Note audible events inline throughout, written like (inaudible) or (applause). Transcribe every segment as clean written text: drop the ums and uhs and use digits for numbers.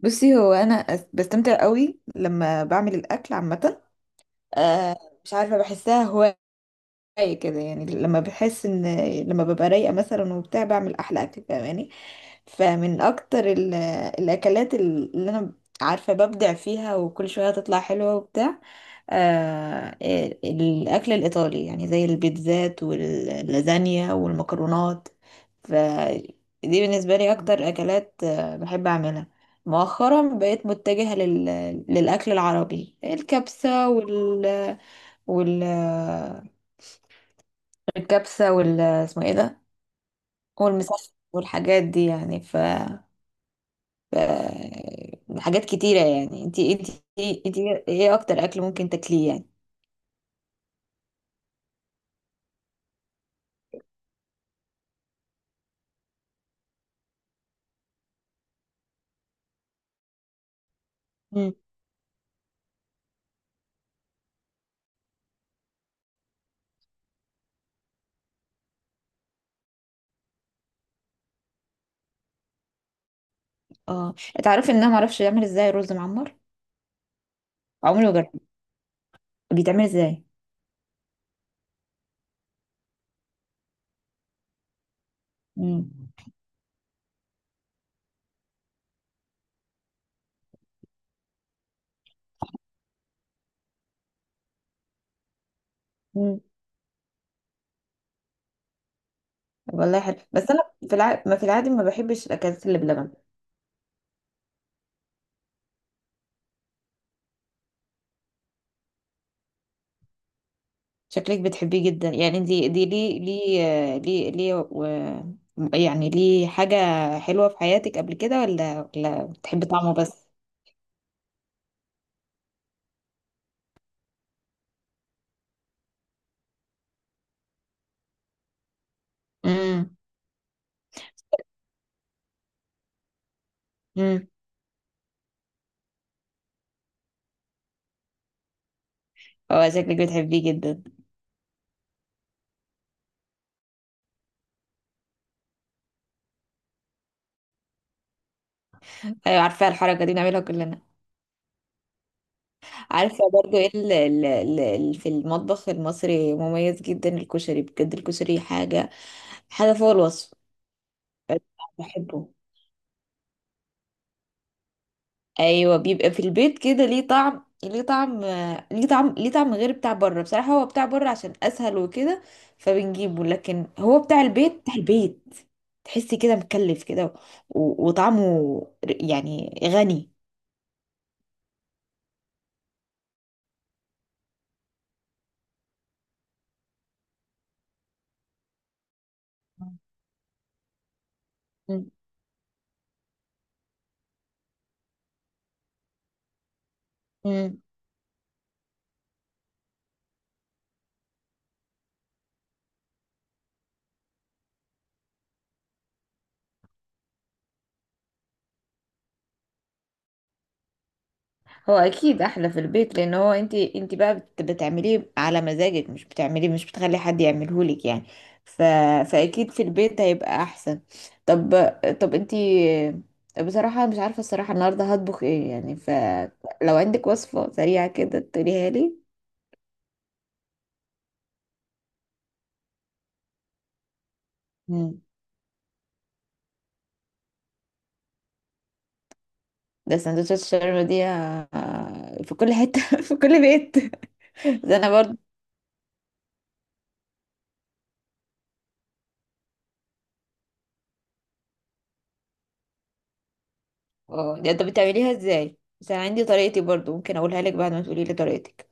بصي، هو انا بستمتع قوي لما بعمل الاكل عامه. آه، مش عارفه، بحسها هوايه كده يعني، لما بحس ان، لما ببقى رايقه مثلا وبتاع، بعمل احلى اكل، فاهماني؟ فمن اكتر الاكلات اللي انا عارفه ببدع فيها، وكل شويه تطلع حلوه وبتاع. آه الاكل الايطالي يعني، زي البيتزات واللازانيا والمكرونات، فدي بالنسبه لي اكتر اكلات بحب اعملها. مؤخرا بقيت متجهه للاكل العربي، الكبسه وال وال الكبسه وال اسمه ايه ده؟ والمسخن والحاجات دي يعني. حاجات كتيرة يعني، انتي ايه اكتر اكل ممكن تاكليه يعني؟ مم. اه، تعرفي ان انا معرفش اعمل ازاي رز معمر؟ عمري ما جربت، بيتعمل ازاي؟ مم. مم. والله حلو، بس انا ما في العادي ما بحبش الاكلات اللي بلبن. شكلك بتحبيه جدا يعني، دي يعني ليه، حاجة حلوة في حياتك قبل كده ولا بتحبي طعمه بس؟ امم. امم. اه، شكلك بتحبيه جدا. ايوه، عارفة الحركة دي بنعملها كلنا. عارفة برضو ايه في المطبخ المصري مميز جدا الكشري، بجد الكشري حاجة فوق الوصف. بس أنا بحبه. ايوه بيبقى في البيت كده ليه طعم غير بتاع بره، بصراحة. هو بتاع بره عشان اسهل وكده، فبنجيبه، لكن هو بتاع البيت، بتاع البيت، تحسي كده مكلف كده وطعمه يعني غني. مم. مم. هو اكيد احلى في البيت، لان هو انت بقى بتعمليه على مزاجك، مش بتعمليه، مش بتخلي حد يعمله لك يعني. ف... فاكيد في البيت هيبقى احسن. طب، انت بصراحة، مش عارفة الصراحة النهاردة هطبخ ايه يعني؟ فلو عندك وصفة سريعة كده تقوليها لي. مم. ده سندوتشات الشاورما دي في كل حتة (laughs) في كل بيت. ده انا برضو. اه، ده انت بتعمليها ازاي؟ بس انا عندي طريقتي برضو، ممكن اقولها لك بعد ما تقولي لي طريقتك.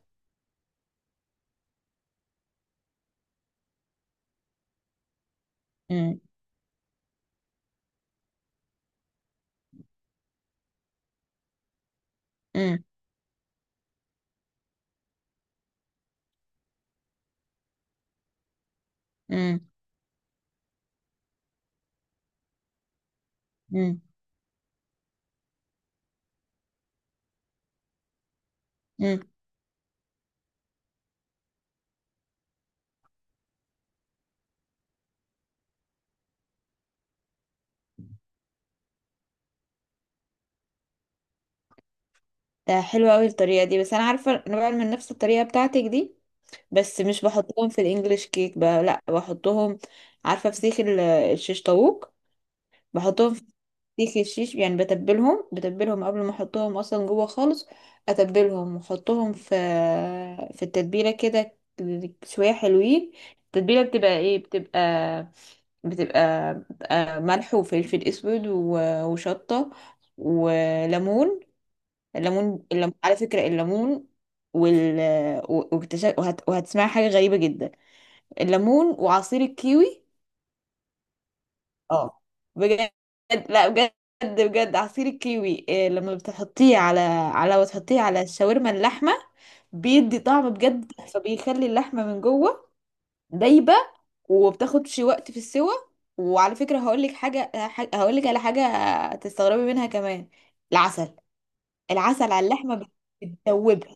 مم. امم. امم. امم. ده حلو قوي الطريقه دي، بس انا عارفه انا بعمل من نفس الطريقه بتاعتك دي، بس مش بحطهم في الانجليش كيك بقى، لا بحطهم. عارفه في سيخ الشيش طاووق، بحطهم في سيخ الشيش، يعني بتبلهم قبل ما احطهم اصلا جوه خالص، اتبلهم واحطهم في التتبيله كده شويه حلوين. التتبيله بتبقى ايه، بتبقى بتبقى ملح وفلفل اسود وشطه وليمون. الليمون، على فكرة الليمون وال واكتشف، وهتسمع حاجة غريبة جدا، الليمون وعصير الكيوي. اه بجد، لا بجد، بجد عصير الكيوي، إيه لما بتحطيه على وتحطيه على الشاورما اللحمة، بيدي طعم بجد، فبيخلي اللحمة من جوه دايبة، وبتاخدش وقت في السوى. وعلى فكرة هقولك حاجة، هقولك على حاجة تستغربي منها كمان، العسل العسل على اللحمة بتدوبها.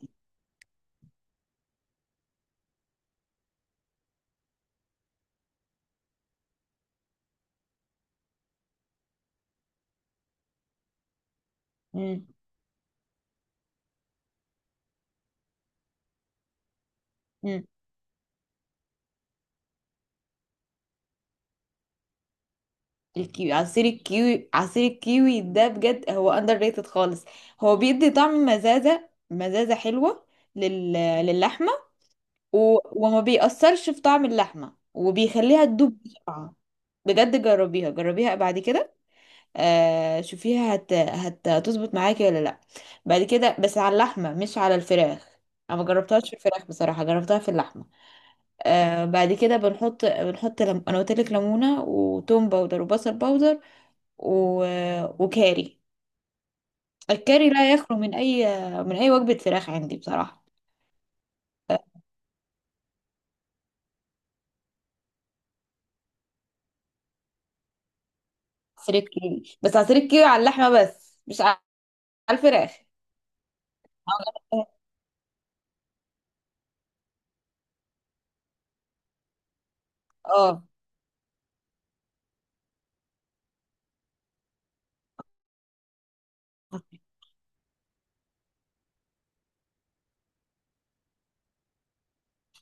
مم. مم. الكيوي عصير الكيوي عصير الكيوي ده بجد، هو اندر ريتد خالص، هو بيدي طعم مزازة، مزازة حلوة لل... للحمة، و... وما بيأثرش في طعم اللحمة وبيخليها تدوب بسرعة. بجد جربيها، جربيها بعد كده. آه شوفيها هتظبط معاكي ولا لا؟ بعد كده، بس على اللحمة مش على الفراخ. انا ما جربتهاش في الفراخ بصراحة، جربتها في اللحمة. بعد لم... انا قلت لك ليمونة، وتوم باودر، وبصل باودر، و... وكاري. الكاري لا يخلو من اي، وجبه فراخ عندي بصراحه. عصير الكيوي، بس عصير الكيوي على اللحمه بس، مش على الفراخ. اه،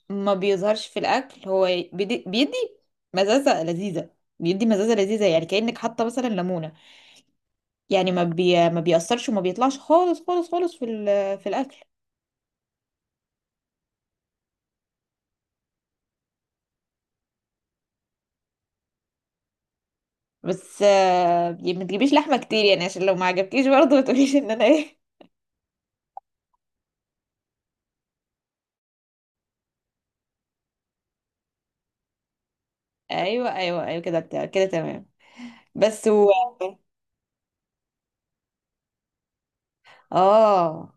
ما بيظهرش في الاكل، هو بيدي مزازه لذيذه، بيدي مزازه لذيذه يعني كانك حاطه مثلا ليمونه، يعني ما بيأثرش وما بيطلعش خالص خالص خالص في الاكل. بس ما تجيبيش لحمه كتير يعني، عشان لو ما عجبكيش برضه ما تقوليش ان انا ايه. ايوه، ايوه، ايوه، كده كده تمام. بس اه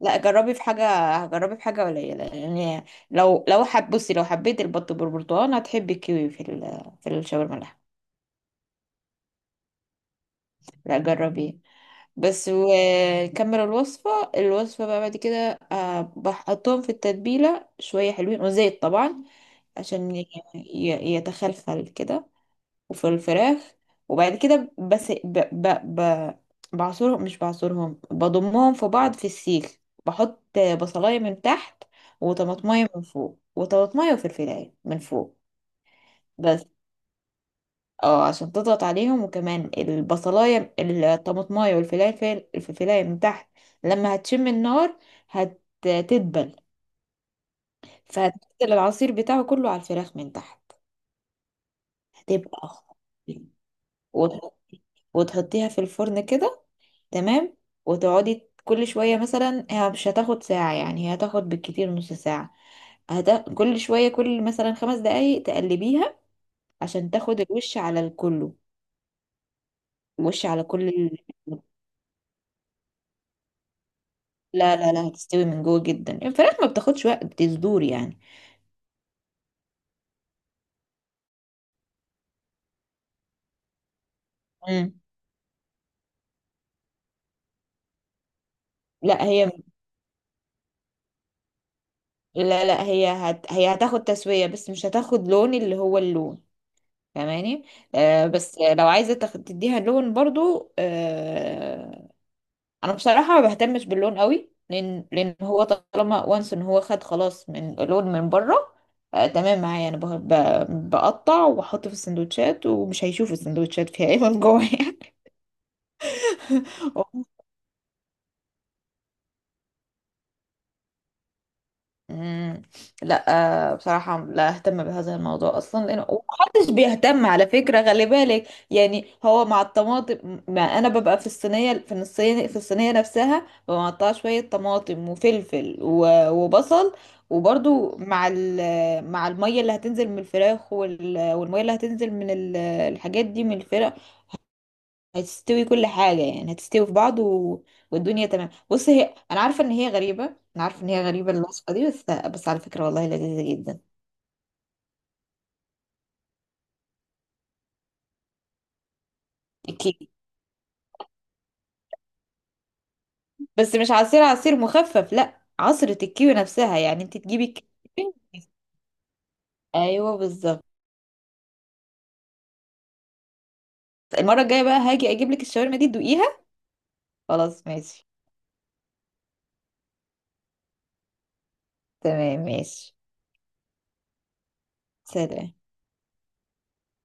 لا، جربي في حاجة، جربي في حاجة قليلة يعني، لو لو حب بصي، لو حبيت البط بالبرتقال هتحبي الكيوي في الشاورما اللحم. لا جربيه. بس وكمل الوصفة بقى بعد كده، بحطهم في التتبيلة شوية حلوين، وزيت طبعا، عشان يتخلخل كده، وفي الفراخ، وبعد كده بس ب... بعصرهم، مش بعصرهم، بضمهم في بعض في السيخ. بحط بصلاية من تحت، وطماطمية من فوق، وطماطمية وفلفلاية من فوق، بس. اه عشان تضغط عليهم، وكمان البصلاية، الطماطماية والفلفلاية، الفلفلاية من تحت، لما هتشم النار هتدبل، فهتنزل العصير بتاعه كله على الفراخ من تحت، هتبقى خطيرة. وتحط- وتحطيها في الفرن كده، تمام. وتقعدي كل شوية مثلا، هي مش هتاخد ساعة يعني، هي هتاخد بالكتير نص ساعة، كل شوية، كل مثلا 5 دقايق تقلبيها، عشان تاخد الوش على الكله، الوش على كل لا، لا، لا، هتستوي من جوه جدا، الفراخ ما بتاخدش وقت، بتصدور يعني. مم. لا هي لا، لا، هي هي هتاخد تسوية، بس مش هتاخد لون، اللي هو اللون، فاهماني. بس لو عايزة تاخد تديها لون برضو. آه. انا بصراحه ما بهتمش باللون قوي، لان هو طالما وانس ان هو خد خلاص من لون من بره. تمام معايا، انا بقطع واحط في السندوتشات، ومش هيشوف السندوتشات فيها ايه من جوه يعني. (laughs) مم. لا. بصراحة لا اهتم بهذا الموضوع اصلا، لانه محدش بيهتم، على فكرة خلي بالك يعني، هو مع الطماطم، ما انا ببقى في الصينية نفسها، ببقى مقطعة شوية طماطم وفلفل وبصل، وبرضو مع المية اللي هتنزل من الفراخ، والمية اللي هتنزل من الحاجات دي من الفراخ، هتستوي كل حاجة يعني، هتستوي في بعض، والدنيا تمام. بص، هي أنا عارفة إن هي غريبة، أنا عارفة إن هي غريبة الوصفة دي، بس على فكرة والله لذيذة جدا. الكيوي، بس مش عصير مخفف، لا عصرة الكيوي نفسها، يعني أنت تجيبي الكيوي. (laughs) أيوه بالظبط. المرة الجاية بقى هاجي أجيب لك الشاورما دي تدوقيها. خلاص ماشي. تمام ماشي. سلام.